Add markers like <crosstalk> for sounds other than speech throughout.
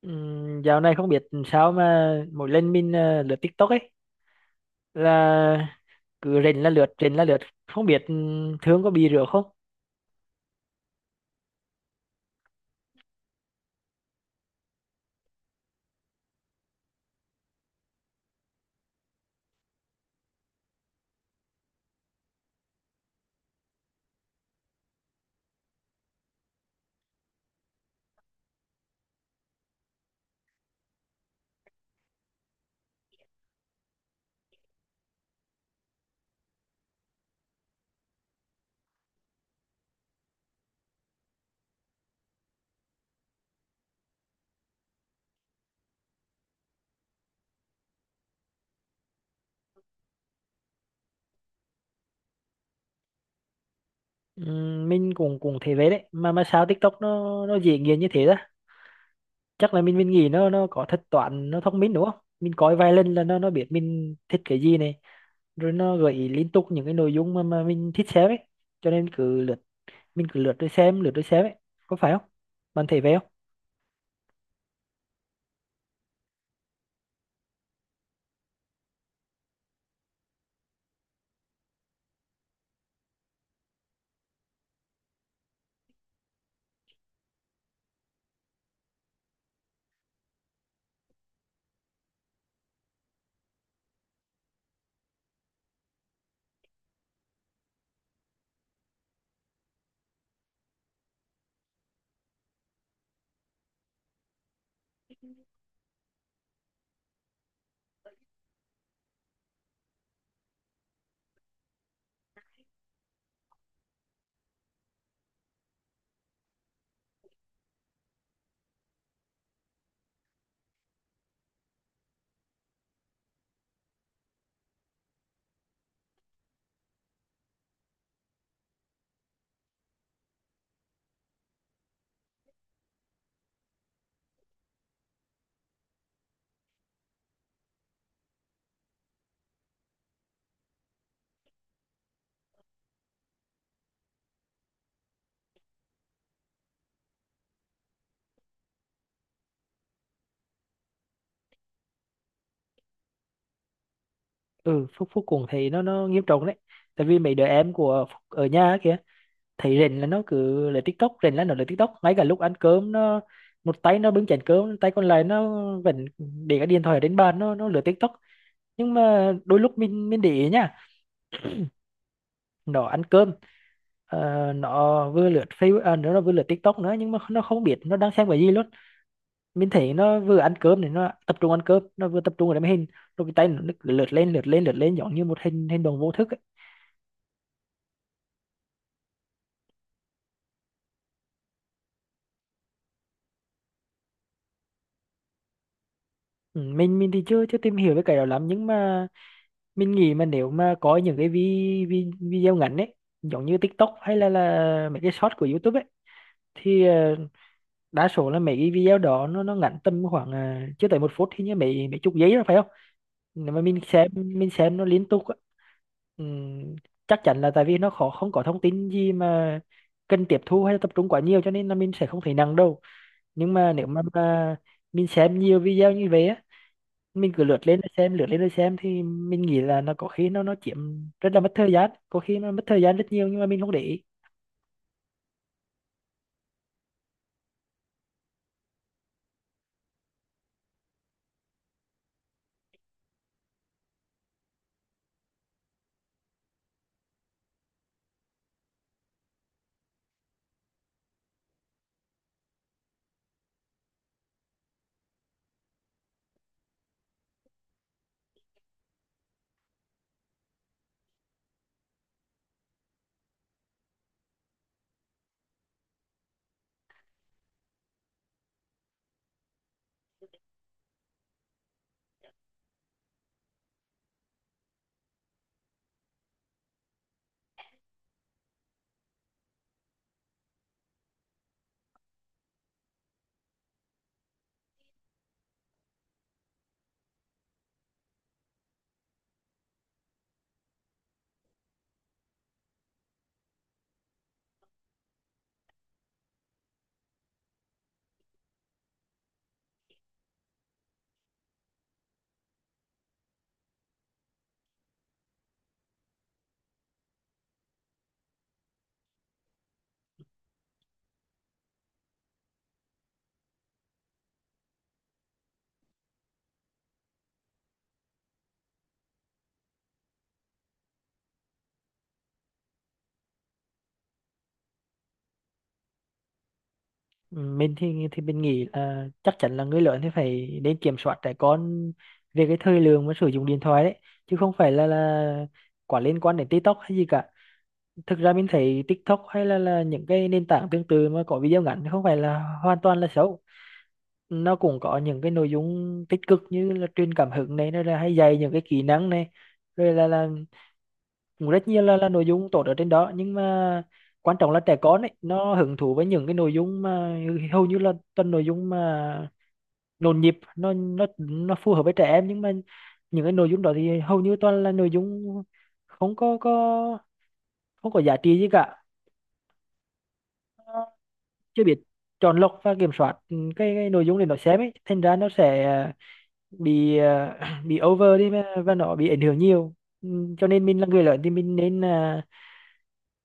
Dạo này không biết sao mà mỗi lần mình lướt TikTok ấy là cứ rình là lướt rình là lướt, không biết Thương có bị rửa không. Mình cũng cũng thế vậy đấy, mà sao TikTok nó dễ nghiền như thế đó. Chắc là mình nghĩ nó có thuật toán nó thông minh đúng không, mình coi vài lần là nó biết mình thích cái gì này, rồi nó gợi ý liên tục những cái nội dung mà mình thích xem ấy, cho nên cứ lướt, mình cứ lướt rồi xem, lướt rồi xem ấy. Có phải không, bạn thấy vậy không? Ừ, phúc phúc cùng thì nó nghiêm trọng đấy. Tại vì mấy đứa em của Phúc ở nhà á kìa, thấy rình là nó cứ lấy TikTok, rình là nó lấy TikTok, ngay cả lúc ăn cơm nó một tay nó bưng chén cơm, tay còn lại nó vẫn để cái điện thoại ở trên bàn, nó lướt TikTok. Nhưng mà đôi lúc mình để ý nha, nó ăn cơm, nó vừa lướt Facebook, nó vừa lướt TikTok nữa, nhưng mà nó không biết nó đang xem cái gì luôn. Mình thấy nó vừa ăn cơm thì nó tập trung ăn cơm, nó vừa tập trung vào cái máy hình, rồi cái tay nó cứ lướt lên lướt lên lướt lên giống như một hình hình đồng vô thức ấy. Ừ, mình thì chưa chưa tìm hiểu về cái đó lắm, nhưng mà mình nghĩ mà nếu mà có những cái vi, vi, video ngắn ấy, giống như TikTok hay là mấy cái short của YouTube ấy, thì đa số là mấy cái video đó nó ngắn tầm khoảng chưa tới một phút, hình như mấy mấy chục giây rồi phải không. Nếu mà mình xem nó liên tục á, ừm, chắc chắn là tại vì nó khó không có thông tin gì mà cần tiếp thu hay là tập trung quá nhiều, cho nên là mình sẽ không thấy nặng đâu. Nhưng mà nếu mà mình xem nhiều video như vậy á, mình cứ lướt lên rồi xem, lướt lên rồi xem, thì mình nghĩ là nó có khi nó chiếm rất là mất thời gian, có khi nó mất thời gian rất nhiều nhưng mà mình không để ý. Ừ, mình thì mình nghĩ là chắc chắn là người lớn thì phải nên kiểm soát trẻ con về cái thời lượng mà sử dụng điện thoại đấy, chứ không phải là quá liên quan đến TikTok hay gì cả. Thực ra mình thấy TikTok hay là những cái nền tảng tương tự mà có video ngắn thì không phải là hoàn toàn là xấu. Nó cũng có những cái nội dung tích cực như là truyền cảm hứng này, nó là hay dạy những cái kỹ năng này, rồi là cũng rất nhiều là nội dung tốt ở trên đó. Nhưng mà quan trọng là trẻ con ấy, nó hứng thú với những cái nội dung mà hầu như là toàn nội dung mà nhộn nhịp, nó phù hợp với trẻ em. Nhưng mà những cái nội dung đó thì hầu như toàn là nội dung không có không có giá trị gì cả. Nó chưa biết chọn lọc và kiểm soát cái nội dung để nó xem ấy, thành ra nó sẽ bị <clears throat> bị over đi mà- và nó bị ảnh hưởng nhiều. Ừ, cho nên mình là người lớn thì mình nên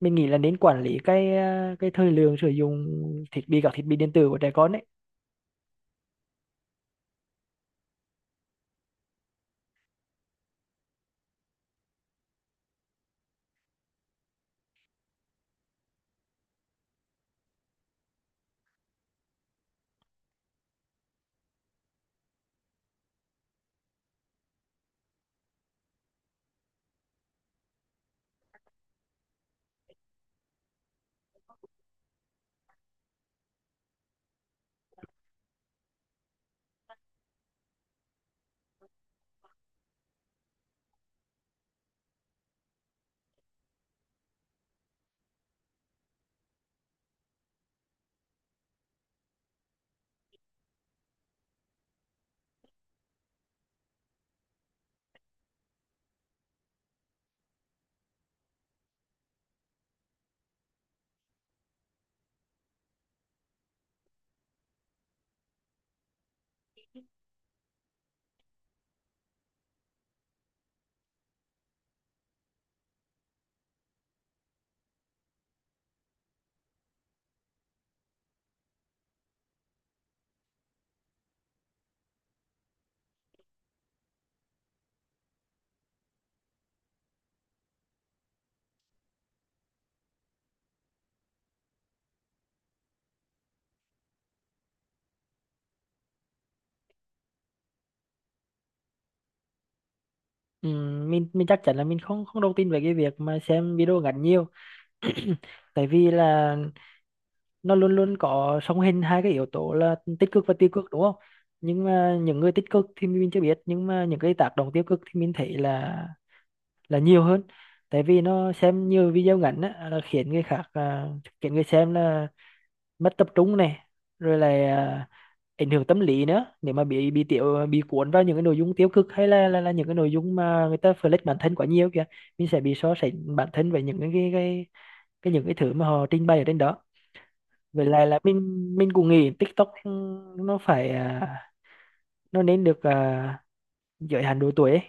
mình nghĩ là nên quản lý cái cái thời lượng sử dụng thiết bị, các thiết bị điện tử của trẻ con ấy. Mình chắc chắn là mình không không đồng tin về cái việc mà xem video ngắn nhiều. <clears throat> Tại vì là nó luôn luôn có song hành hai cái yếu tố là tích cực và tiêu cực đúng không. Nhưng mà những người tích cực thì mình chưa biết, nhưng mà những cái tác động tiêu cực thì mình thấy là nhiều hơn. Tại vì nó xem nhiều video ngắn á, là khiến người khác khiến người xem là mất tập trung này, rồi là ảnh hưởng tâm lý nữa, nếu mà bị tiểu bị cuốn vào những cái nội dung tiêu cực, hay là những cái nội dung mà người ta flex bản thân quá nhiều kìa, mình sẽ bị so sánh bản thân với những cái những cái thứ mà họ trình bày ở trên đó. Vậy là mình cũng nghĩ TikTok nó phải nó nên được giới hạn độ tuổi ấy.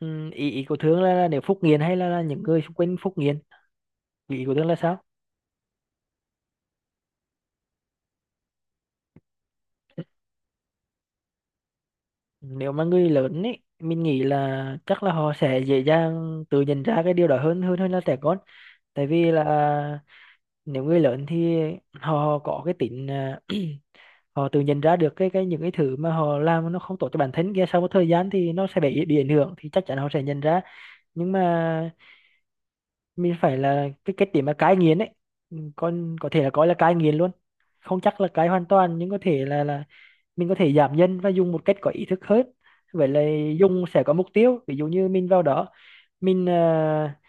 Ừ, ý ý của Thương là nếu Phúc nghiện hay là những người xung quanh Phúc nghiện, ý của Thương là sao? Nếu mà người lớn ấy, mình nghĩ là chắc là họ sẽ dễ dàng tự nhận ra cái điều đó hơn hơn hơn là trẻ con. Tại vì là nếu người lớn thì họ có cái tính <clears throat> họ tự nhận ra được cái những cái thứ mà họ làm nó không tốt cho bản thân kia, sau một thời gian thì nó sẽ bị ảnh hưởng, thì chắc chắn họ sẽ nhận ra. Nhưng mà mình phải là cái điểm mà cai nghiện ấy. Ừ, con có thể là coi là cai nghiện luôn, không chắc là cai hoàn toàn nhưng có thể là mình có thể giảm dần và dùng một cách có ý thức hơn. Vậy là dùng sẽ có mục tiêu, ví dụ như mình vào đó mình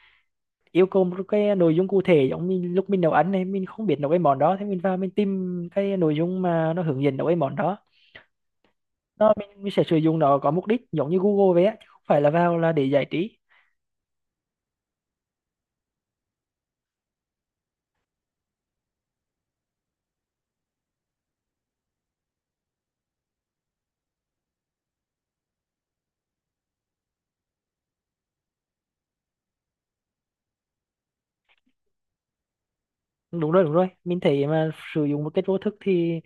yêu cầu một cái nội dung cụ thể, giống mình lúc mình nấu ăn này, mình không biết nấu cái món đó, thế mình vào mình tìm cái nội dung mà nó hướng dẫn nấu cái món đó. Nó mình sẽ sử dụng nó có mục đích giống như Google vậy á, chứ không phải là vào là để giải trí. Đúng rồi, đúng rồi, mình thấy mà sử dụng một cái vô thức thì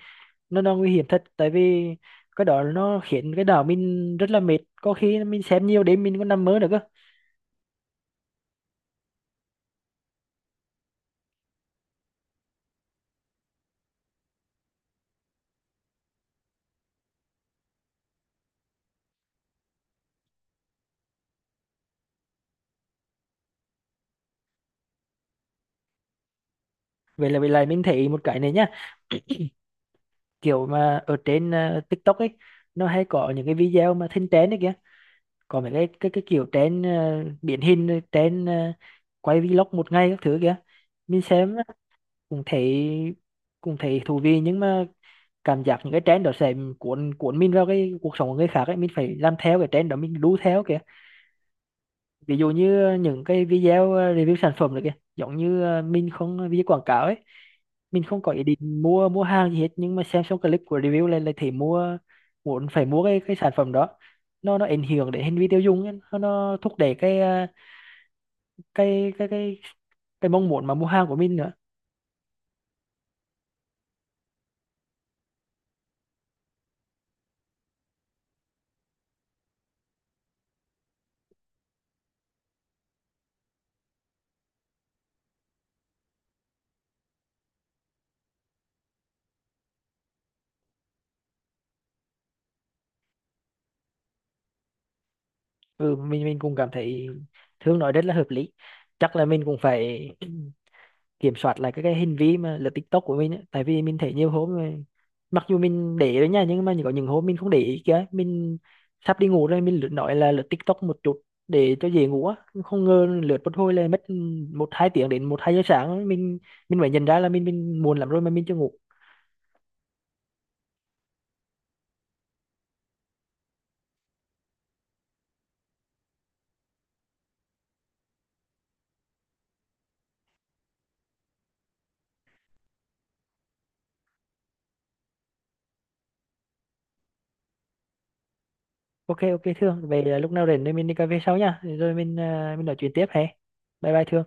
nó nguy hiểm thật. Tại vì cái đó nó khiến cái đầu mình rất là mệt, có khi mình xem nhiều đêm mình còn nằm mơ được cơ. Vậy là, vậy là mình thấy một cái này nhá, kiểu mà ở trên TikTok ấy, nó hay có những cái video mà thinh tén đấy kìa, còn mấy cái kiểu trên điển hình trên quay vlog một ngày các thứ kia, mình xem á, cũng thấy, cũng thấy thú vị. Nhưng mà cảm giác những cái trend đó sẽ cuốn cuốn mình vào cái cuộc sống của người khác ấy, mình phải làm theo cái trend đó, mình đu theo. Ví dụ như những cái video review sản phẩm này kìa, giống như mình không ờ, video quảng cáo ấy, mình không có ý định mua mua hàng gì hết, nhưng mà xem xong clip của review lên lại thấy mua, muốn phải mua cái sản phẩm đó. Nó ảnh hưởng đến hành vi tiêu dùng ấy. Nó thúc đẩy cái cái cái mong muốn mà mua hàng của mình nữa. Ừ, mình cũng cảm thấy Thương nói rất là hợp lý. Chắc là mình cũng phải kiểm soát lại các cái hành vi mà lướt TikTok của mình ấy. Tại vì mình thấy nhiều hôm mặc dù mình để đấy nha, nhưng mà có những hôm mình không để ý kìa, mình sắp đi ngủ rồi, mình lướt, nói là lướt TikTok một chút để cho dễ ngủ á, không ngờ lướt một hồi là mất một hai tiếng đến một hai giờ sáng, mình phải nhận ra là mình muộn lắm rồi mà mình chưa ngủ. OK, OK, Thương về, là lúc nào rảnh thì mình đi cà phê sau nha, rồi mình mình nói chuyện tiếp hè. Bye bye Thương.